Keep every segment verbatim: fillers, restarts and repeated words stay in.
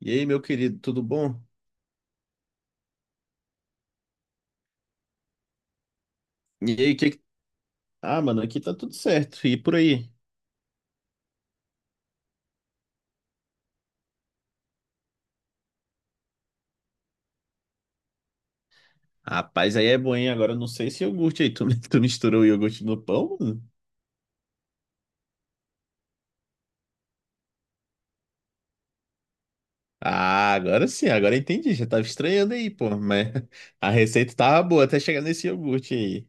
E aí, meu querido, tudo bom? E aí, que... que- tá? Ah, mano, aqui tá tudo certo. E por aí? Rapaz, aí é bom, hein? Agora eu não sei se iogurte aí. Tu, tu misturou o iogurte no pão, mano? Ah, agora sim, agora eu entendi. Já tava estranhando aí, pô. Mas a receita tava boa até chegar nesse iogurte aí.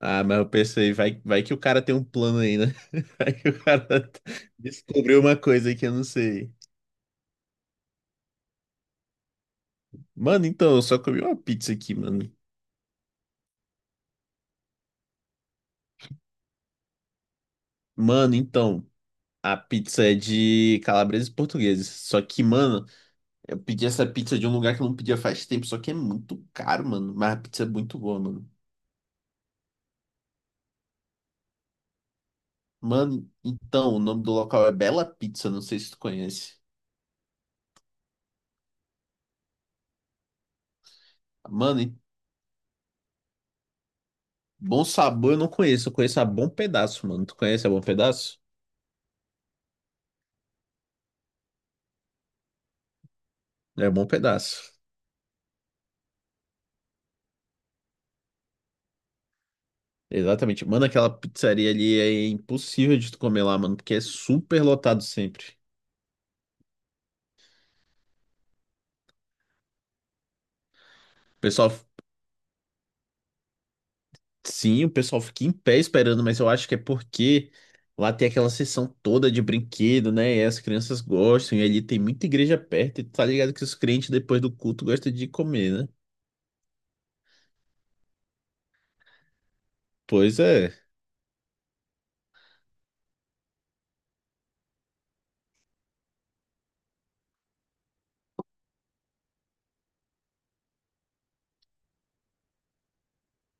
Ah, mas eu pensei, vai, vai que o cara tem um plano aí, né? Vai que o cara descobriu uma coisa aí que eu não sei. Mano, então, eu só comi uma pizza aqui, mano. Mano, então, a pizza é de calabreses portugueses. Só que, mano. Eu pedi essa pizza de um lugar que eu não pedia faz tempo, só que é muito caro, mano. Mas a pizza é muito boa, mano. Mano, então, o nome do local é Bela Pizza, não sei se tu conhece. Mano, e Bom Sabor eu não conheço, eu conheço a Bom Pedaço, mano. Tu conhece a Bom Pedaço? É Bom Pedaço. Exatamente. Mano, aquela pizzaria ali é impossível de tu comer lá, mano, porque é super lotado sempre. O pessoal sim, o pessoal fica em pé esperando, mas eu acho que é porque lá tem aquela seção toda de brinquedo, né? E as crianças gostam, e ali tem muita igreja perto, e tá ligado que os crentes depois do culto gostam de comer, né? Pois é.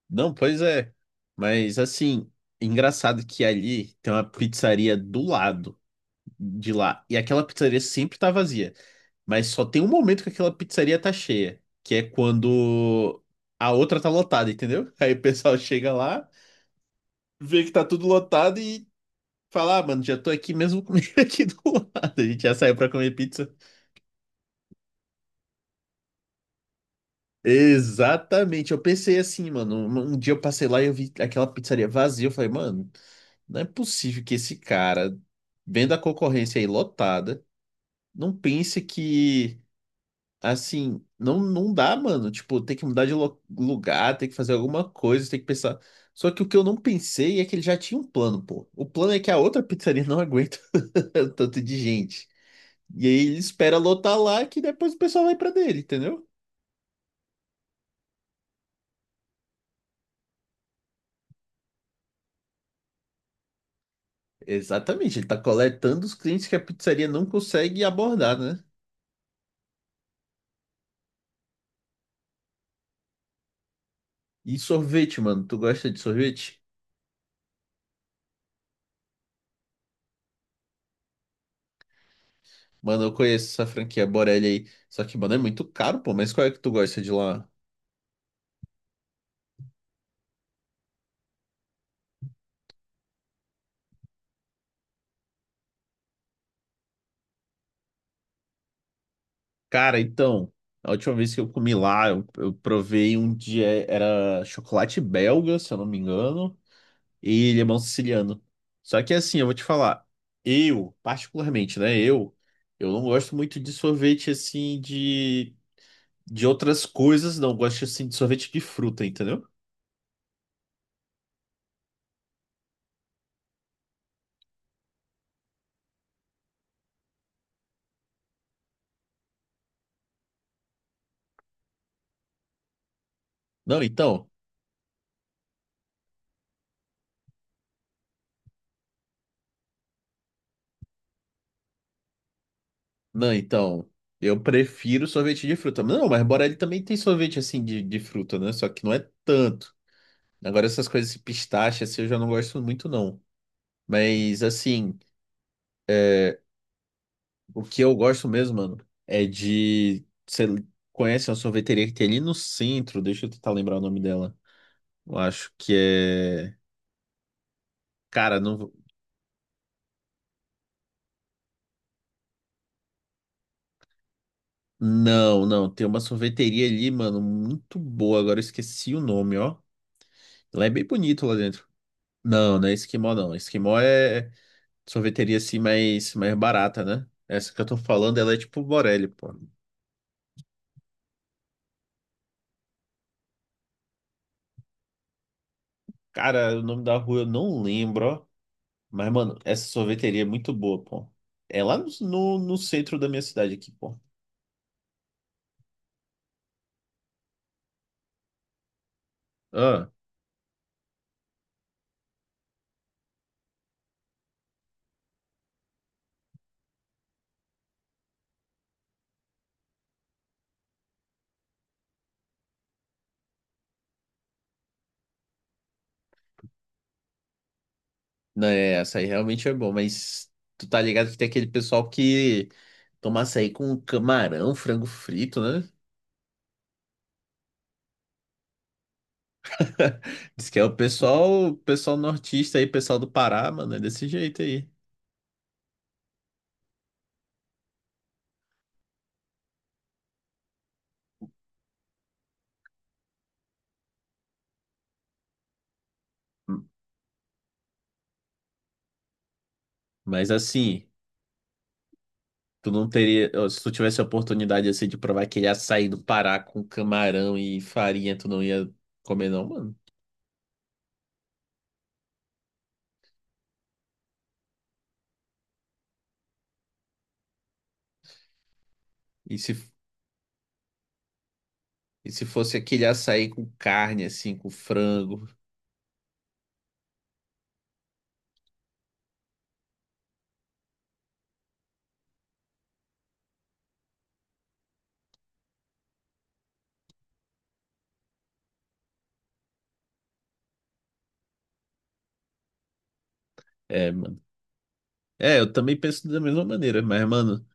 Não, pois é. Mas assim, engraçado que ali tem uma pizzaria do lado de lá, e aquela pizzaria sempre tá vazia, mas só tem um momento que aquela pizzaria tá cheia, que é quando a outra tá lotada, entendeu? Aí o pessoal chega lá vê que tá tudo lotado e falar, "Ah, mano, já tô aqui mesmo comigo aqui do lado. A gente já saiu pra comer pizza. Exatamente. Eu pensei assim, mano. Um, um dia eu passei lá e eu vi aquela pizzaria vazia. Eu falei, mano, não é possível que esse cara, vendo a concorrência aí lotada, não pense que, assim, não, não dá, mano. Tipo, tem que mudar de lo- lugar, tem que fazer alguma coisa, tem que pensar. Só que o que eu não pensei é que ele já tinha um plano, pô. O plano é que a outra pizzaria não aguenta tanto de gente. E aí ele espera lotar lá que depois o pessoal vai pra dele, entendeu? Exatamente, ele tá coletando os clientes que a pizzaria não consegue abordar, né? E sorvete, mano, tu gosta de sorvete? Mano, eu conheço essa franquia Borelli aí, só que, mano, é muito caro, pô, mas qual é que tu gosta de lá? Cara, então, a última vez que eu comi lá, eu, eu provei um dia, era chocolate belga, se eu não me engano, e limão siciliano. Só que assim, eu vou te falar, eu, particularmente, né, eu, eu não gosto muito de sorvete assim de de outras coisas, não gosto assim de sorvete de fruta, entendeu? Não, então, não, então, eu prefiro sorvete de fruta. Não, mas Borelli também tem sorvete assim de, de fruta, né? Só que não é tanto. Agora essas coisas, esse pistache, assim, eu já não gosto muito, não. Mas assim, o que eu gosto mesmo, mano, é de. Você conhece uma sorveteria que tem ali no centro? Deixa eu tentar lembrar o nome dela. Eu acho que é. Cara, não. Não, não. Tem uma sorveteria ali, mano, muito boa. Agora eu esqueci o nome, ó. Ela é bem bonito lá dentro. Não, não é Esquimó, não. Esquimó é sorveteria assim mais, mais barata, né? Essa que eu tô falando, ela é tipo Borelli, pô. Cara, o nome da rua eu não lembro, ó. Mas, mano, essa sorveteria é muito boa, pô. É lá no, no, no centro da minha cidade aqui, pô. Ah, não, é, açaí realmente é bom, mas tu tá ligado que tem aquele pessoal que toma açaí com camarão, frango frito, né? Diz que é o pessoal, o pessoal nortista aí, pessoal do Pará, mano, é desse jeito aí. Mas assim, tu não teria, ó, se tu tivesse a oportunidade assim de provar aquele açaí do Pará com camarão e farinha, tu não ia comer não, mano. E se E se fosse aquele açaí com carne, assim, com frango. É, é, eu também penso da mesma maneira, mas, mano,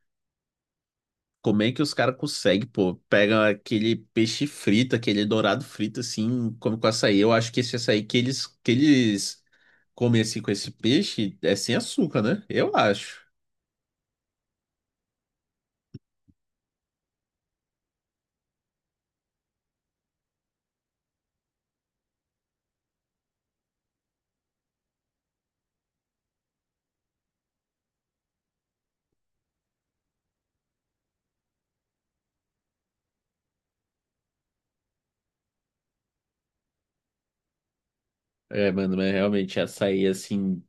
como é que os caras conseguem, pô? Pega aquele peixe frito, aquele dourado frito, assim, come com açaí. Eu acho que esse açaí que eles, que eles comem, assim, com esse peixe é sem açúcar, né? Eu acho. É, mano, mas realmente açaí, assim.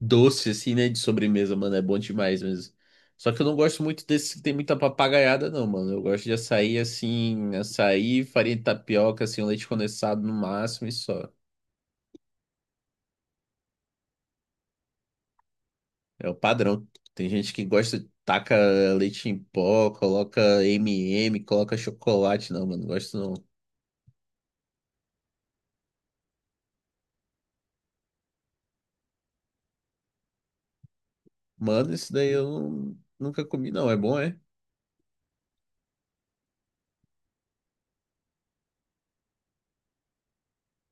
Doce, assim, né? De sobremesa, mano. É bom demais mesmo. Só que eu não gosto muito desse que tem muita papagaiada, não, mano. Eu gosto de açaí, assim, açaí, farinha de tapioca, assim, um leite condensado no máximo e só. É o padrão. Tem gente que gosta, taca leite em pó, coloca M and M, coloca chocolate. Não, mano, não gosto não. Mano, isso daí eu não- nunca comi, não. É bom, é?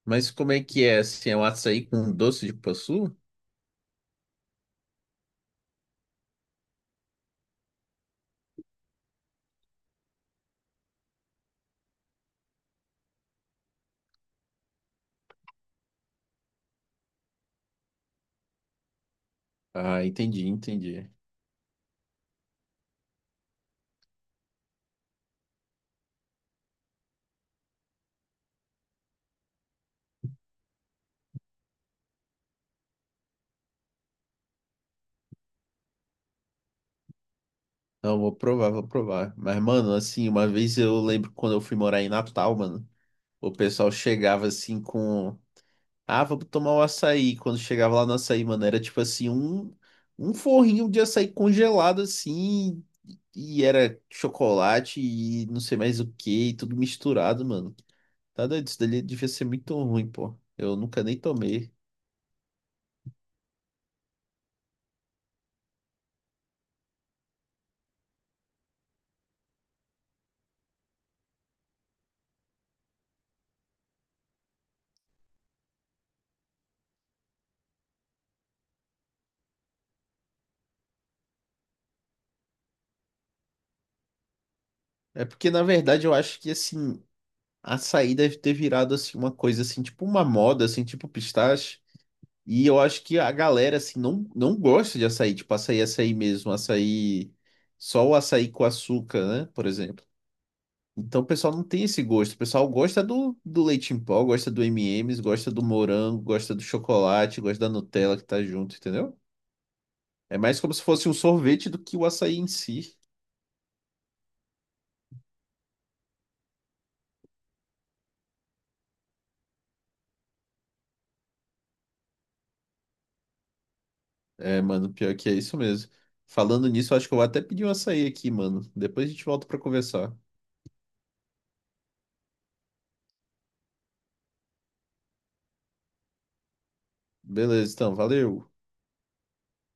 Mas como é que é? Assim, é um açaí com doce de cupuaçu? Ah, entendi, entendi. Não, vou provar, vou provar. Mas, mano, assim, uma vez eu lembro quando eu fui morar em Natal, mano, o pessoal chegava assim com. Ah, vamos tomar um açaí. Quando chegava lá no açaí, mano, era tipo assim, um, um forrinho de açaí congelado, assim, e era chocolate e não sei mais o que, e tudo misturado, mano. Tá doido? Isso dali devia ser muito ruim, pô. Eu nunca nem tomei. É porque, na verdade, eu acho que, assim, açaí deve ter virado, assim, uma coisa, assim, tipo uma moda, assim, tipo pistache. E eu acho que a galera, assim, não, não gosta de açaí, tipo, açaí, açaí mesmo, açaí, só o açaí com açúcar, né, por exemplo. Então o pessoal não tem esse gosto, o pessoal gosta do, do leite em pó, gosta do M and M's, gosta do morango, gosta do chocolate, gosta da Nutella que tá junto, entendeu? É mais como se fosse um sorvete do que o açaí em si. É, mano, pior que é isso mesmo. Falando nisso, eu acho que eu vou até pedir um açaí aqui, mano. Depois a gente volta pra conversar. Beleza, então, valeu.